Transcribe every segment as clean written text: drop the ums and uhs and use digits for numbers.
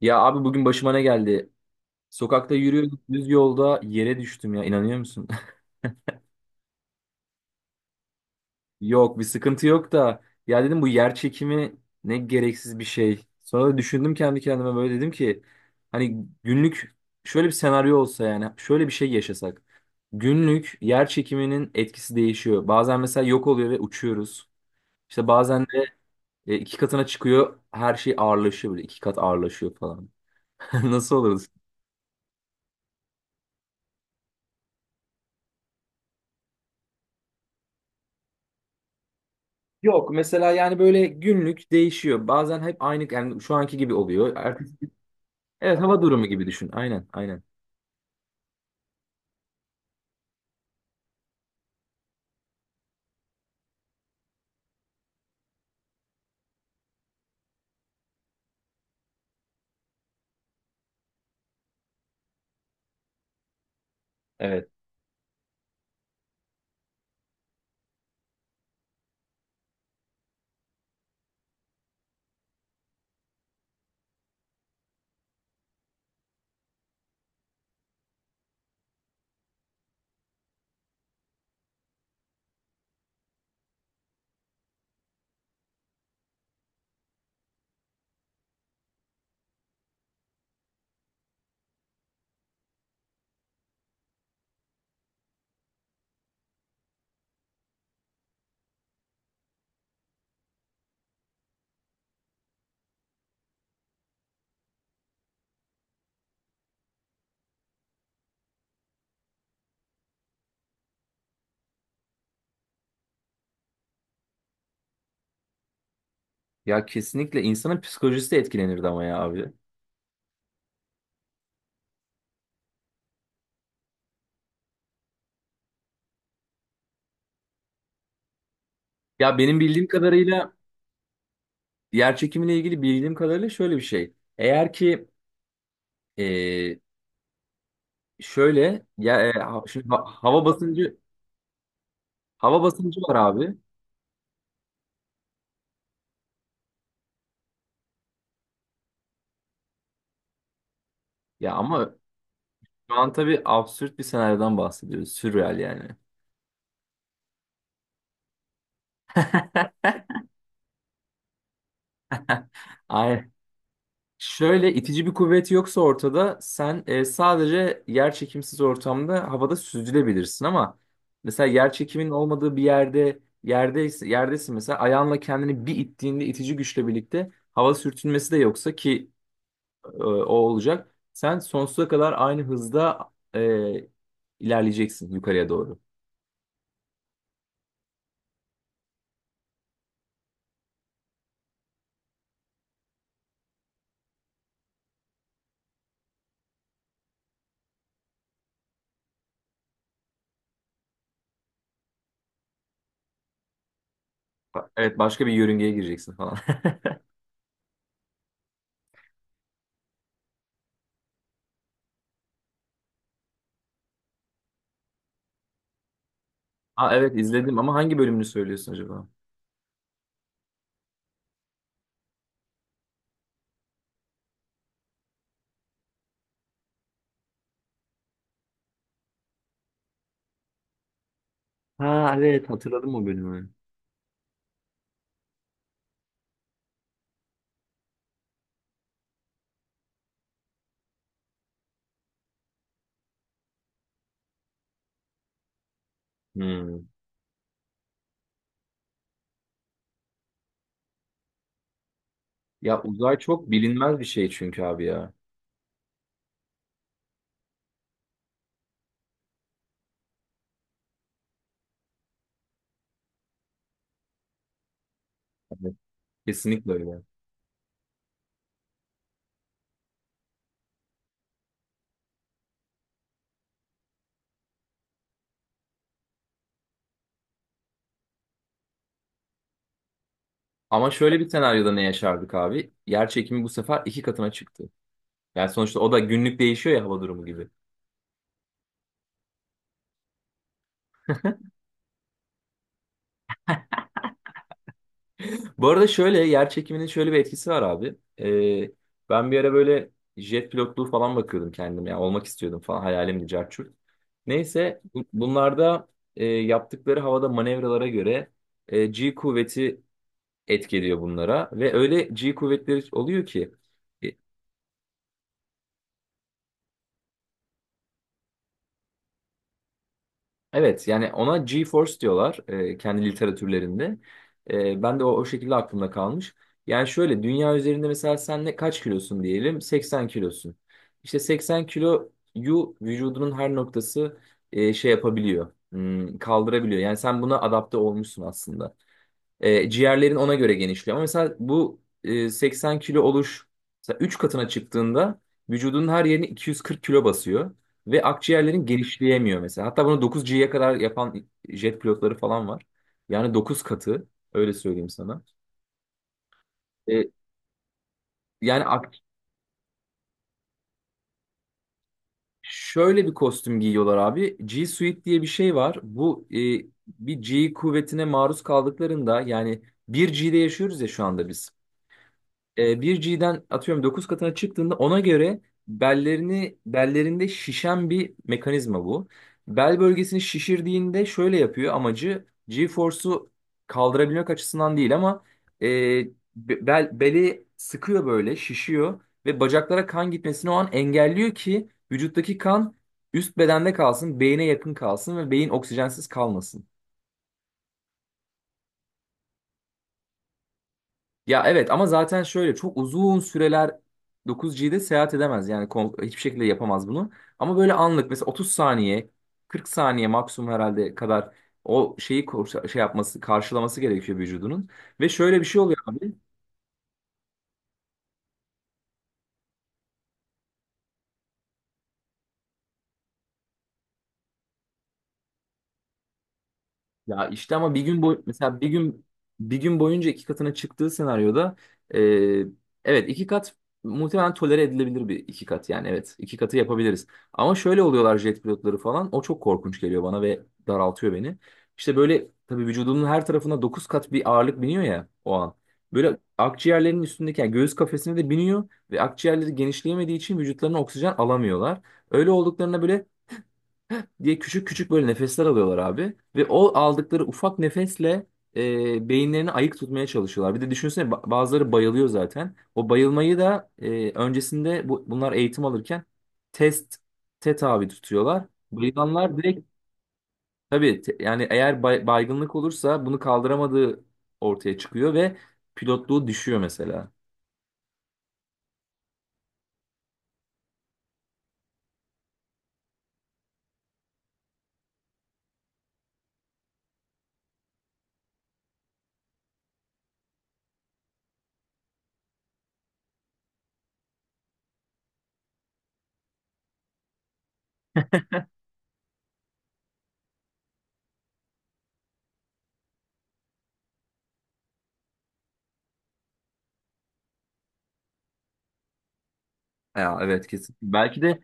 Ya abi bugün başıma ne geldi? Sokakta yürüyorduk düz yolda yere düştüm ya inanıyor musun? Yok bir sıkıntı yok da ya dedim bu yer çekimi ne gereksiz bir şey. Sonra da düşündüm kendi kendime böyle dedim ki hani günlük şöyle bir senaryo olsa yani şöyle bir şey yaşasak. Günlük yer çekiminin etkisi değişiyor. Bazen mesela yok oluyor ve uçuyoruz. İşte bazen de iki katına çıkıyor, her şey ağırlaşıyor, böyle iki kat ağırlaşıyor falan. Nasıl olurdu? Yok mesela yani böyle günlük değişiyor. Bazen hep aynı, yani şu anki gibi oluyor. Evet, hava durumu gibi düşün. Aynen, aynen. Evet. Ya kesinlikle insanın psikolojisi de etkilenirdi ama ya abi. Ya benim bildiğim kadarıyla, yer çekimiyle ilgili bildiğim kadarıyla şöyle bir şey. Eğer ki e, şöyle ya, şimdi hava basıncı var abi. Ya ama şu an tabii absürt bir senaryodan bahsediyoruz. Sürreal yani. aynen. Şöyle itici bir kuvvet yoksa ortada, sen sadece yer çekimsiz ortamda havada süzülebilirsin, ama mesela yer çekiminin olmadığı bir yerde, yerdeyse yerdesin, mesela ayağınla kendini bir ittiğinde, itici güçle birlikte hava sürtünmesi de yoksa ki o olacak, sen sonsuza kadar aynı hızda e, ilerleyeceksin yukarıya doğru. Evet, başka bir yörüngeye gireceksin falan. Ha evet, izledim ama hangi bölümünü söylüyorsun acaba? Ha evet, hatırladım o bölümü. Hmm. Ya uzay çok bilinmez bir şey çünkü abi ya. Hani kesinlikle öyle. Ama şöyle bir senaryoda ne yaşardık abi? Yer çekimi bu sefer iki katına çıktı. Yani sonuçta o da günlük değişiyor ya, hava durumu gibi. Bu arada şöyle yer çekiminin şöyle bir etkisi var abi. Ben bir ara böyle jet pilotluğu falan bakıyordum kendim. Yani olmak istiyordum falan, hayalimdi, carçurt. Neyse bunlarda yaptıkları havada manevralara göre G kuvveti etki ediyor bunlara. Ve öyle G kuvvetleri oluyor ki. e, Evet, yani ona GeForce diyorlar kendi literatürlerinde. E, ben de o şekilde aklımda kalmış. Yani şöyle, dünya üzerinde mesela sen ne kaç kilosun diyelim? 80 kilosun. İşte 80 kiloyu vücudunun her noktası şey yapabiliyor. Hmm, kaldırabiliyor. Yani sen buna adapte olmuşsun aslında. E, ciğerlerin ona göre genişliyor. Ama mesela bu 80 kilo oluş 3 katına çıktığında, vücudunun her yerini 240 kilo basıyor. Ve akciğerlerin genişleyemiyor mesela. Hatta bunu 9G'ye kadar yapan jet pilotları falan var. Yani 9 katı, öyle söyleyeyim sana. E, yani şöyle bir kostüm giyiyorlar abi. G Suite diye bir şey var. Bu bir G kuvvetine maruz kaldıklarında, yani bir gde yaşıyoruz ya şu anda biz. 1G'den atıyorum 9 katına çıktığında, ona göre bellerini, bellerinde şişen bir mekanizma bu. Bel bölgesini şişirdiğinde şöyle yapıyor, amacı G-force'u kaldırabilmek açısından değil ama e, bel, beli sıkıyor, böyle şişiyor ve bacaklara kan gitmesini o an engelliyor ki vücuttaki kan üst bedende kalsın, beyine yakın kalsın ve beyin oksijensiz kalmasın. Ya evet, ama zaten şöyle çok uzun süreler 9G'de seyahat edemez. Yani hiçbir şekilde yapamaz bunu. Ama böyle anlık, mesela 30 saniye, 40 saniye maksimum herhalde kadar o şeyi şey yapması, karşılaması gerekiyor vücudunun. Ve şöyle bir şey oluyor abi. Ya işte, ama bir gün boy, mesela bir gün boyunca iki katına çıktığı senaryoda eee, evet, iki kat muhtemelen tolere edilebilir, bir iki kat yani, evet, iki katı yapabiliriz. Ama şöyle oluyorlar jet pilotları falan, o çok korkunç geliyor bana ve daraltıyor beni. İşte böyle tabii vücudunun her tarafına dokuz kat bir ağırlık biniyor ya o an. Böyle akciğerlerinin üstündeki, yani göğüs kafesine de biniyor ve akciğerleri genişleyemediği için vücutlarına oksijen alamıyorlar. Öyle olduklarına böyle diye küçük küçük böyle nefesler alıyorlar abi. Ve o aldıkları ufak nefesle beyinlerini ayık tutmaya çalışıyorlar. Bir de düşünsene, bazıları bayılıyor zaten. O bayılmayı da öncesinde bunlar eğitim alırken test tabi tutuyorlar. Bayılanlar direkt, tabii yani eğer baygınlık olursa bunu kaldıramadığı ortaya çıkıyor ve pilotluğu düşüyor mesela. Ya evet, kesin. Belki de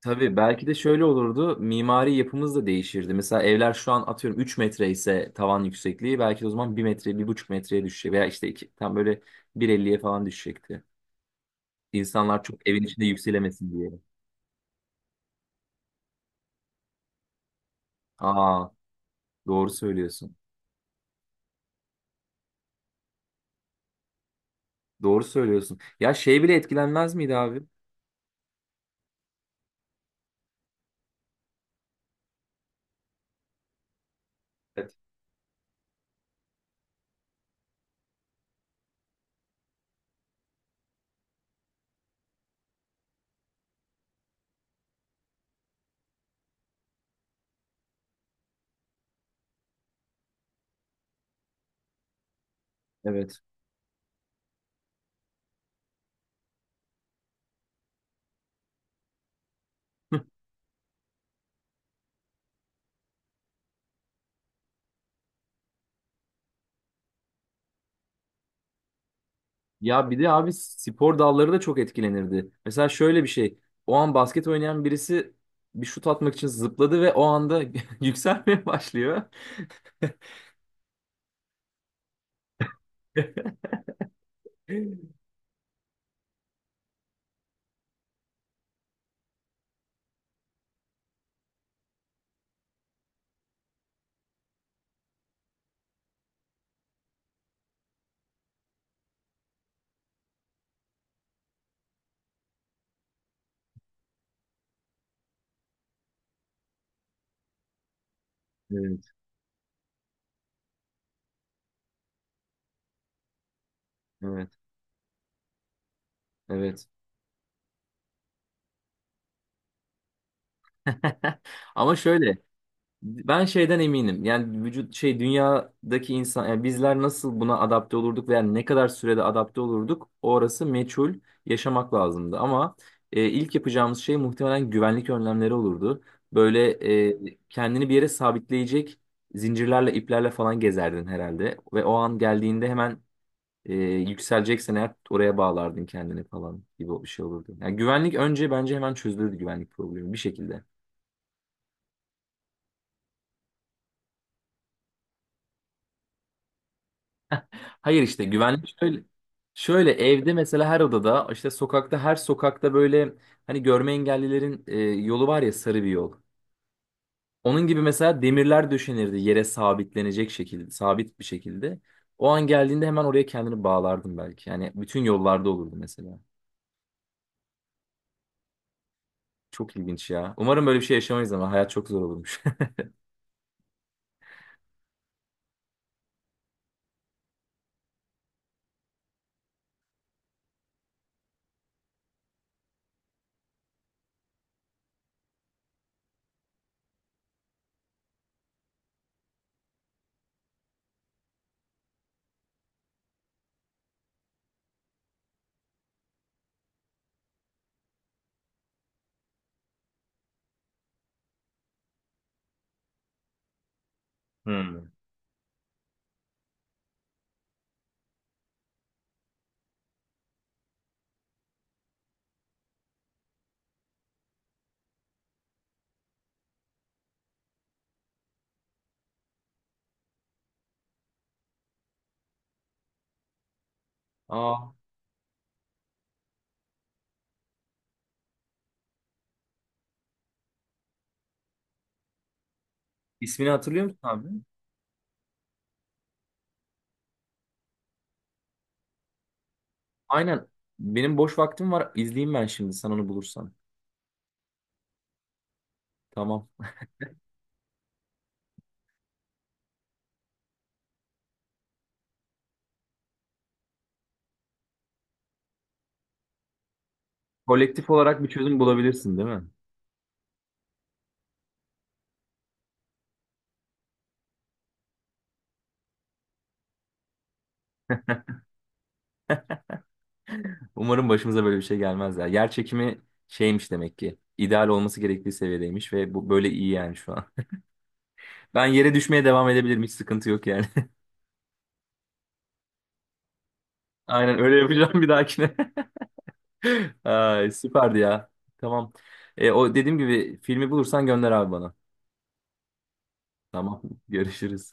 Tabii, belki de şöyle olurdu. Mimari yapımız da değişirdi. Mesela evler şu an atıyorum 3 metre ise tavan yüksekliği, belki de o zaman 1 metre, 1,5 metreye düşecek veya işte iki, tam böyle bir elliye falan düşecekti. İnsanlar çok evin içinde yükselemesin diye. Aa, doğru söylüyorsun. Doğru söylüyorsun. Ya şey bile etkilenmez miydi abi? Evet. Evet. Ya bir de abi, spor dalları da çok etkilenirdi. Mesela şöyle bir şey. O an basket oynayan birisi bir şut atmak için zıpladı ve o anda yükselmeye başlıyor. Evet, evet, evet. Ama şöyle, ben şeyden eminim. Yani vücut, şey, dünyadaki insan, yani bizler nasıl buna adapte olurduk veya ne kadar sürede adapte olurduk, orası meçhul, yaşamak lazımdı. Ama ilk yapacağımız şey muhtemelen güvenlik önlemleri olurdu. Böyle kendini bir yere sabitleyecek zincirlerle, iplerle falan gezerdin herhalde. Ve o an geldiğinde hemen yükseleceksen eğer oraya bağlardın kendini falan gibi bir şey olurdu. Yani güvenlik önce, bence hemen çözülürdü güvenlik problemi bir şekilde. Hayır, işte güvenlik şöyle, evde mesela her odada, işte sokakta her sokakta böyle hani görme engellilerin yolu var ya, sarı bir yol. Onun gibi mesela demirler döşenirdi yere sabitlenecek şekilde, sabit bir şekilde. O an geldiğinde hemen oraya kendini bağlardın belki. Yani bütün yollarda olurdu mesela. Çok ilginç ya. Umarım böyle bir şey yaşamayız ama hayat çok zor olurmuş. Hmm. Aa, İsmini hatırlıyor musun abi? Aynen. Benim boş vaktim var. İzleyeyim ben şimdi sen onu bulursan. Tamam. Kolektif olarak bir çözüm bulabilirsin değil mi? Umarım başımıza böyle bir şey gelmez ya. Yer çekimi şeymiş demek ki. İdeal olması gerektiği seviyedeymiş ve bu böyle iyi yani şu an. Ben yere düşmeye devam edebilirim. Hiç sıkıntı yok yani. Aynen, öyle yapacağım bir dahakine. Ay, süperdi ya. Tamam. O dediğim gibi, filmi bulursan gönder abi bana. Tamam. Görüşürüz.